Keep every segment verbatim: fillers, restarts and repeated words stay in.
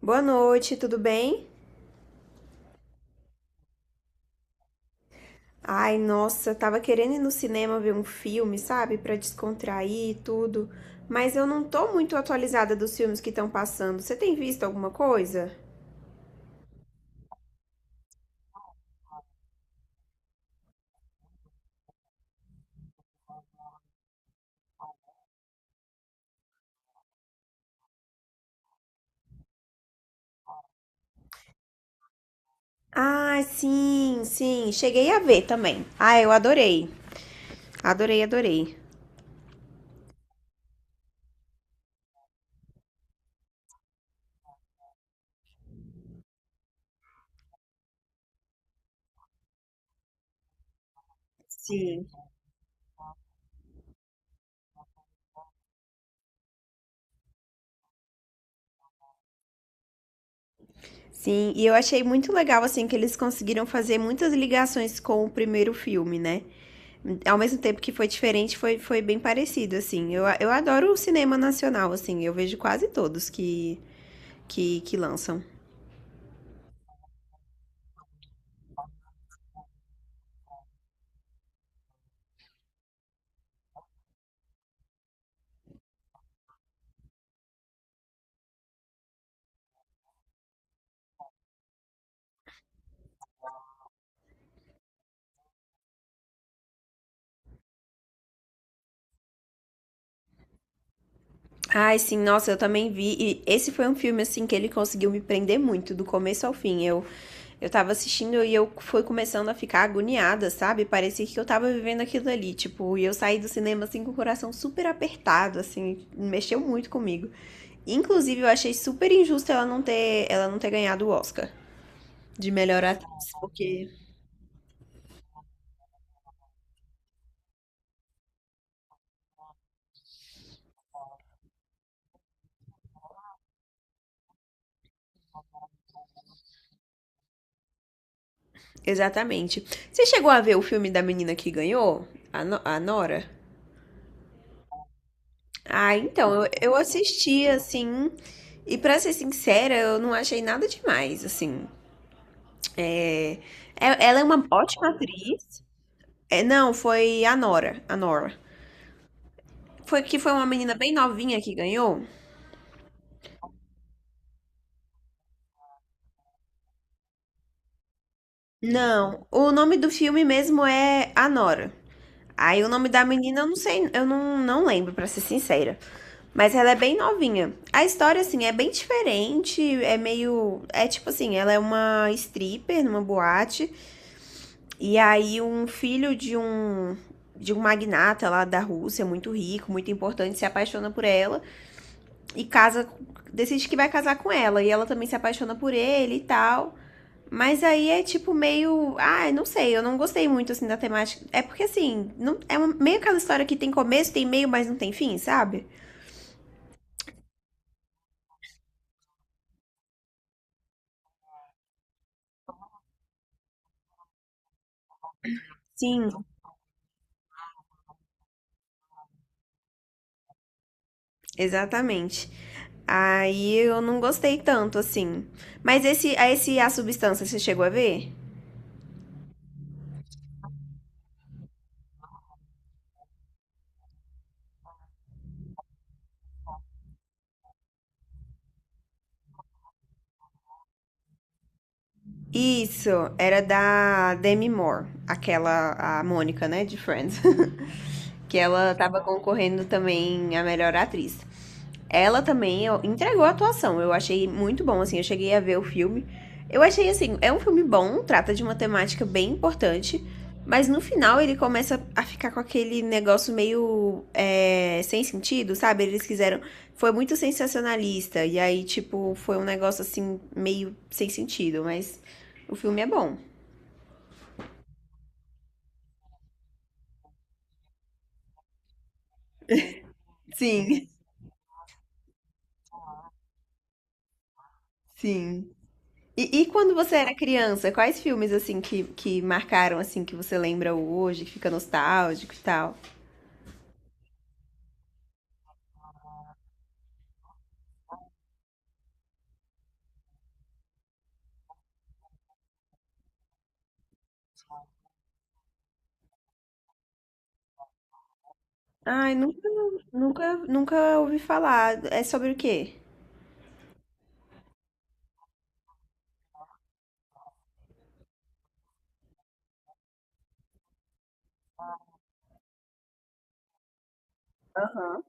Boa noite, tudo bem? Ai, nossa, tava querendo ir no cinema ver um filme, sabe? Pra descontrair e tudo. Mas eu não tô muito atualizada dos filmes que estão passando. Você tem visto alguma coisa? Ah, sim, sim. Cheguei a ver também. Ah, eu adorei. Adorei, adorei. Sim. Sim, e eu achei muito legal, assim, que eles conseguiram fazer muitas ligações com o primeiro filme, né? Ao mesmo tempo que foi diferente, foi, foi bem parecido, assim. Eu, eu adoro o cinema nacional, assim. Eu vejo quase todos que, que, que lançam. Ai, sim, nossa, eu também vi. E esse foi um filme, assim, que ele conseguiu me prender muito, do começo ao fim. Eu, eu tava assistindo e eu fui começando a ficar agoniada, sabe? Parecia que eu tava vivendo aquilo ali, tipo, e eu saí do cinema assim com o coração super apertado, assim, mexeu muito comigo. Inclusive, eu achei super injusto ela não ter, ela não ter ganhado o Oscar de melhor atriz, porque exatamente. Você chegou a ver o filme da menina que ganhou? A, No- a Nora? Ah, então, eu, eu assisti, assim, e pra ser sincera, eu não achei nada demais, assim. É, é- ela é uma ótima atriz. É, não, foi a Nora, a Nora. Foi que foi uma menina bem novinha que ganhou? Não, o nome do filme mesmo é A Nora. Aí o nome da menina eu não sei, eu não, não lembro, pra ser sincera. Mas ela é bem novinha. A história, assim, é bem diferente, é meio. É tipo assim, ela é uma stripper numa boate. E aí um filho de um. De um magnata lá da Rússia, muito rico, muito importante, se apaixona por ela e casa, decide que vai casar com ela. E ela também se apaixona por ele e tal. Mas aí é tipo meio. Ah, eu não sei, eu não gostei muito assim da temática. É porque assim, não é uma- meio aquela história que tem começo, tem meio, mas não tem fim, sabe? Sim. Exatamente. Aí eu não gostei tanto assim. Mas esse, a- esse A Substância, você chegou a ver? Isso, era da Demi Moore, aquela, a Mônica, né, de Friends. Que ela tava concorrendo também a melhor atriz. Ela também ó, entregou a atuação. Eu achei muito bom, assim. Eu cheguei a ver o filme. Eu achei, assim, é um filme bom, trata de uma temática bem importante. Mas no final ele começa a ficar com aquele negócio meio é, sem sentido, sabe? Eles quiseram. Foi muito sensacionalista. E aí, tipo, foi um negócio assim, meio sem sentido. Mas o filme é bom. Sim, sim. E, e quando você era criança, quais filmes assim que, que marcaram assim que você lembra hoje, que fica nostálgico e tal? Ai, nunca, nunca, nunca ouvi falar. É sobre o quê? Aham.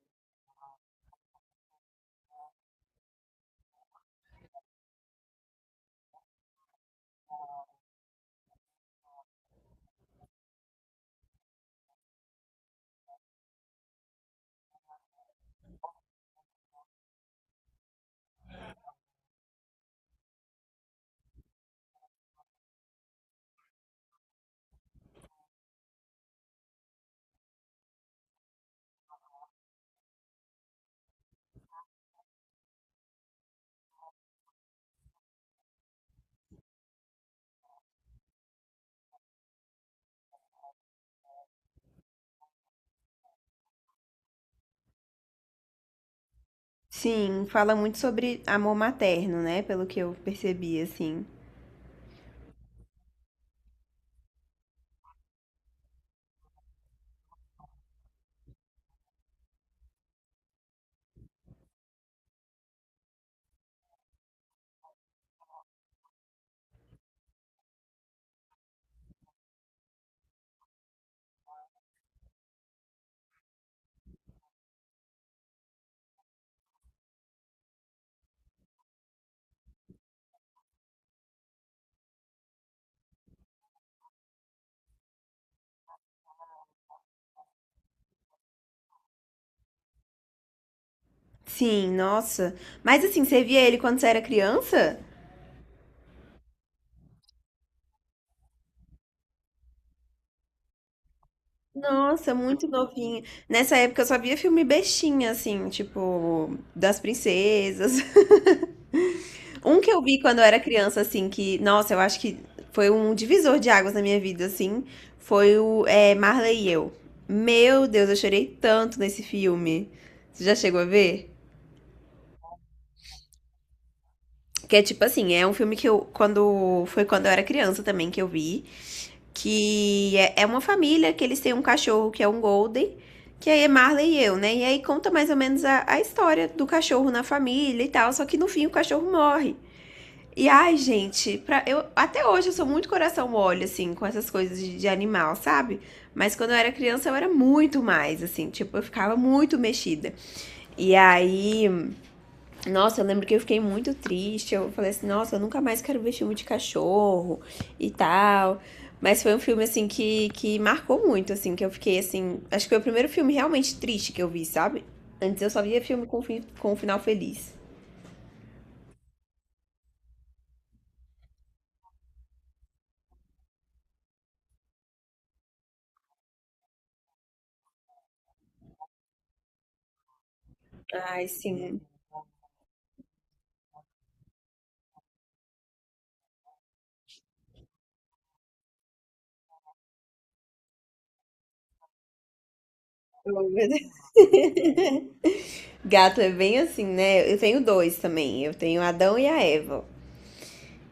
Sim, fala muito sobre amor materno, né? Pelo que eu percebi, assim. Sim, nossa. Mas assim, você via ele quando você era criança? Nossa, muito novinha. Nessa época eu só via filme bestinha, assim, tipo, das princesas. Um que eu vi quando eu era criança, assim, que, nossa, eu acho que foi um divisor de águas na minha vida, assim, foi o é, Marley e Eu. Meu Deus, eu chorei tanto nesse filme. Você já chegou a ver? Que é tipo assim, é um filme que eu, quando, foi quando eu era criança também que eu vi, que é, é uma família que eles têm um cachorro que é um Golden, que aí é Marley e Eu, né? E aí conta mais ou menos a, a história do cachorro na família e tal, só que no fim o cachorro morre. E ai, gente, pra, eu, até hoje eu sou muito coração mole, assim, com essas coisas de, de animal, sabe? Mas quando eu era criança eu era muito mais, assim, tipo, eu ficava muito mexida. E aí, nossa, eu lembro que eu fiquei muito triste. Eu falei assim, nossa, eu nunca mais quero ver filme de cachorro e tal. Mas foi um filme, assim, que, que marcou muito, assim, que eu fiquei, assim. Acho que foi o primeiro filme realmente triste que eu vi, sabe? Antes eu só via filme com, fi- com um final feliz. Ai, sim. Oh, meu Deus. Gato é bem assim, né? Eu tenho dois também. Eu tenho Adão e a Eva.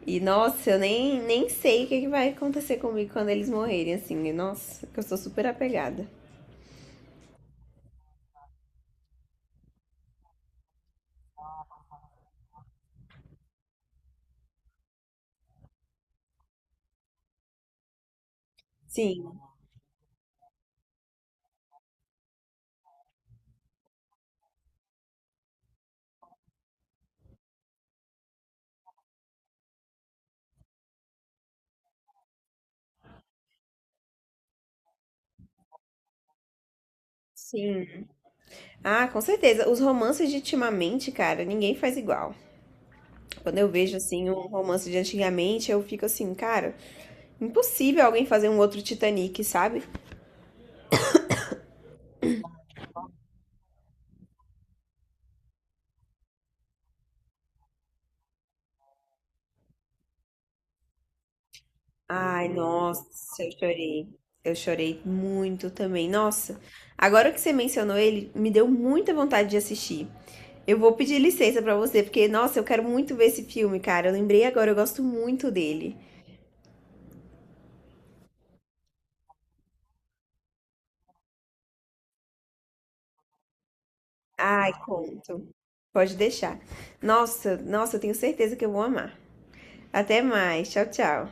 E nossa, eu nem, nem sei o que, que vai acontecer comigo quando eles morrerem, assim. E, nossa, que eu sou super apegada. Sim, sim. Ah, com certeza. Os romances de ultimamente, cara, ninguém faz igual. Quando eu vejo, assim, um romance de antigamente, eu fico assim, cara, impossível alguém fazer um outro Titanic, sabe? Ai, nossa, eu chorei. Eu chorei muito também. Nossa, agora que você mencionou ele, me deu muita vontade de assistir. Eu vou pedir licença pra você, porque, nossa, eu quero muito ver esse filme, cara. Eu lembrei agora, eu gosto muito dele. Ai, conto. Pode deixar. Nossa, nossa, eu tenho certeza que eu vou amar. Até mais. Tchau, tchau.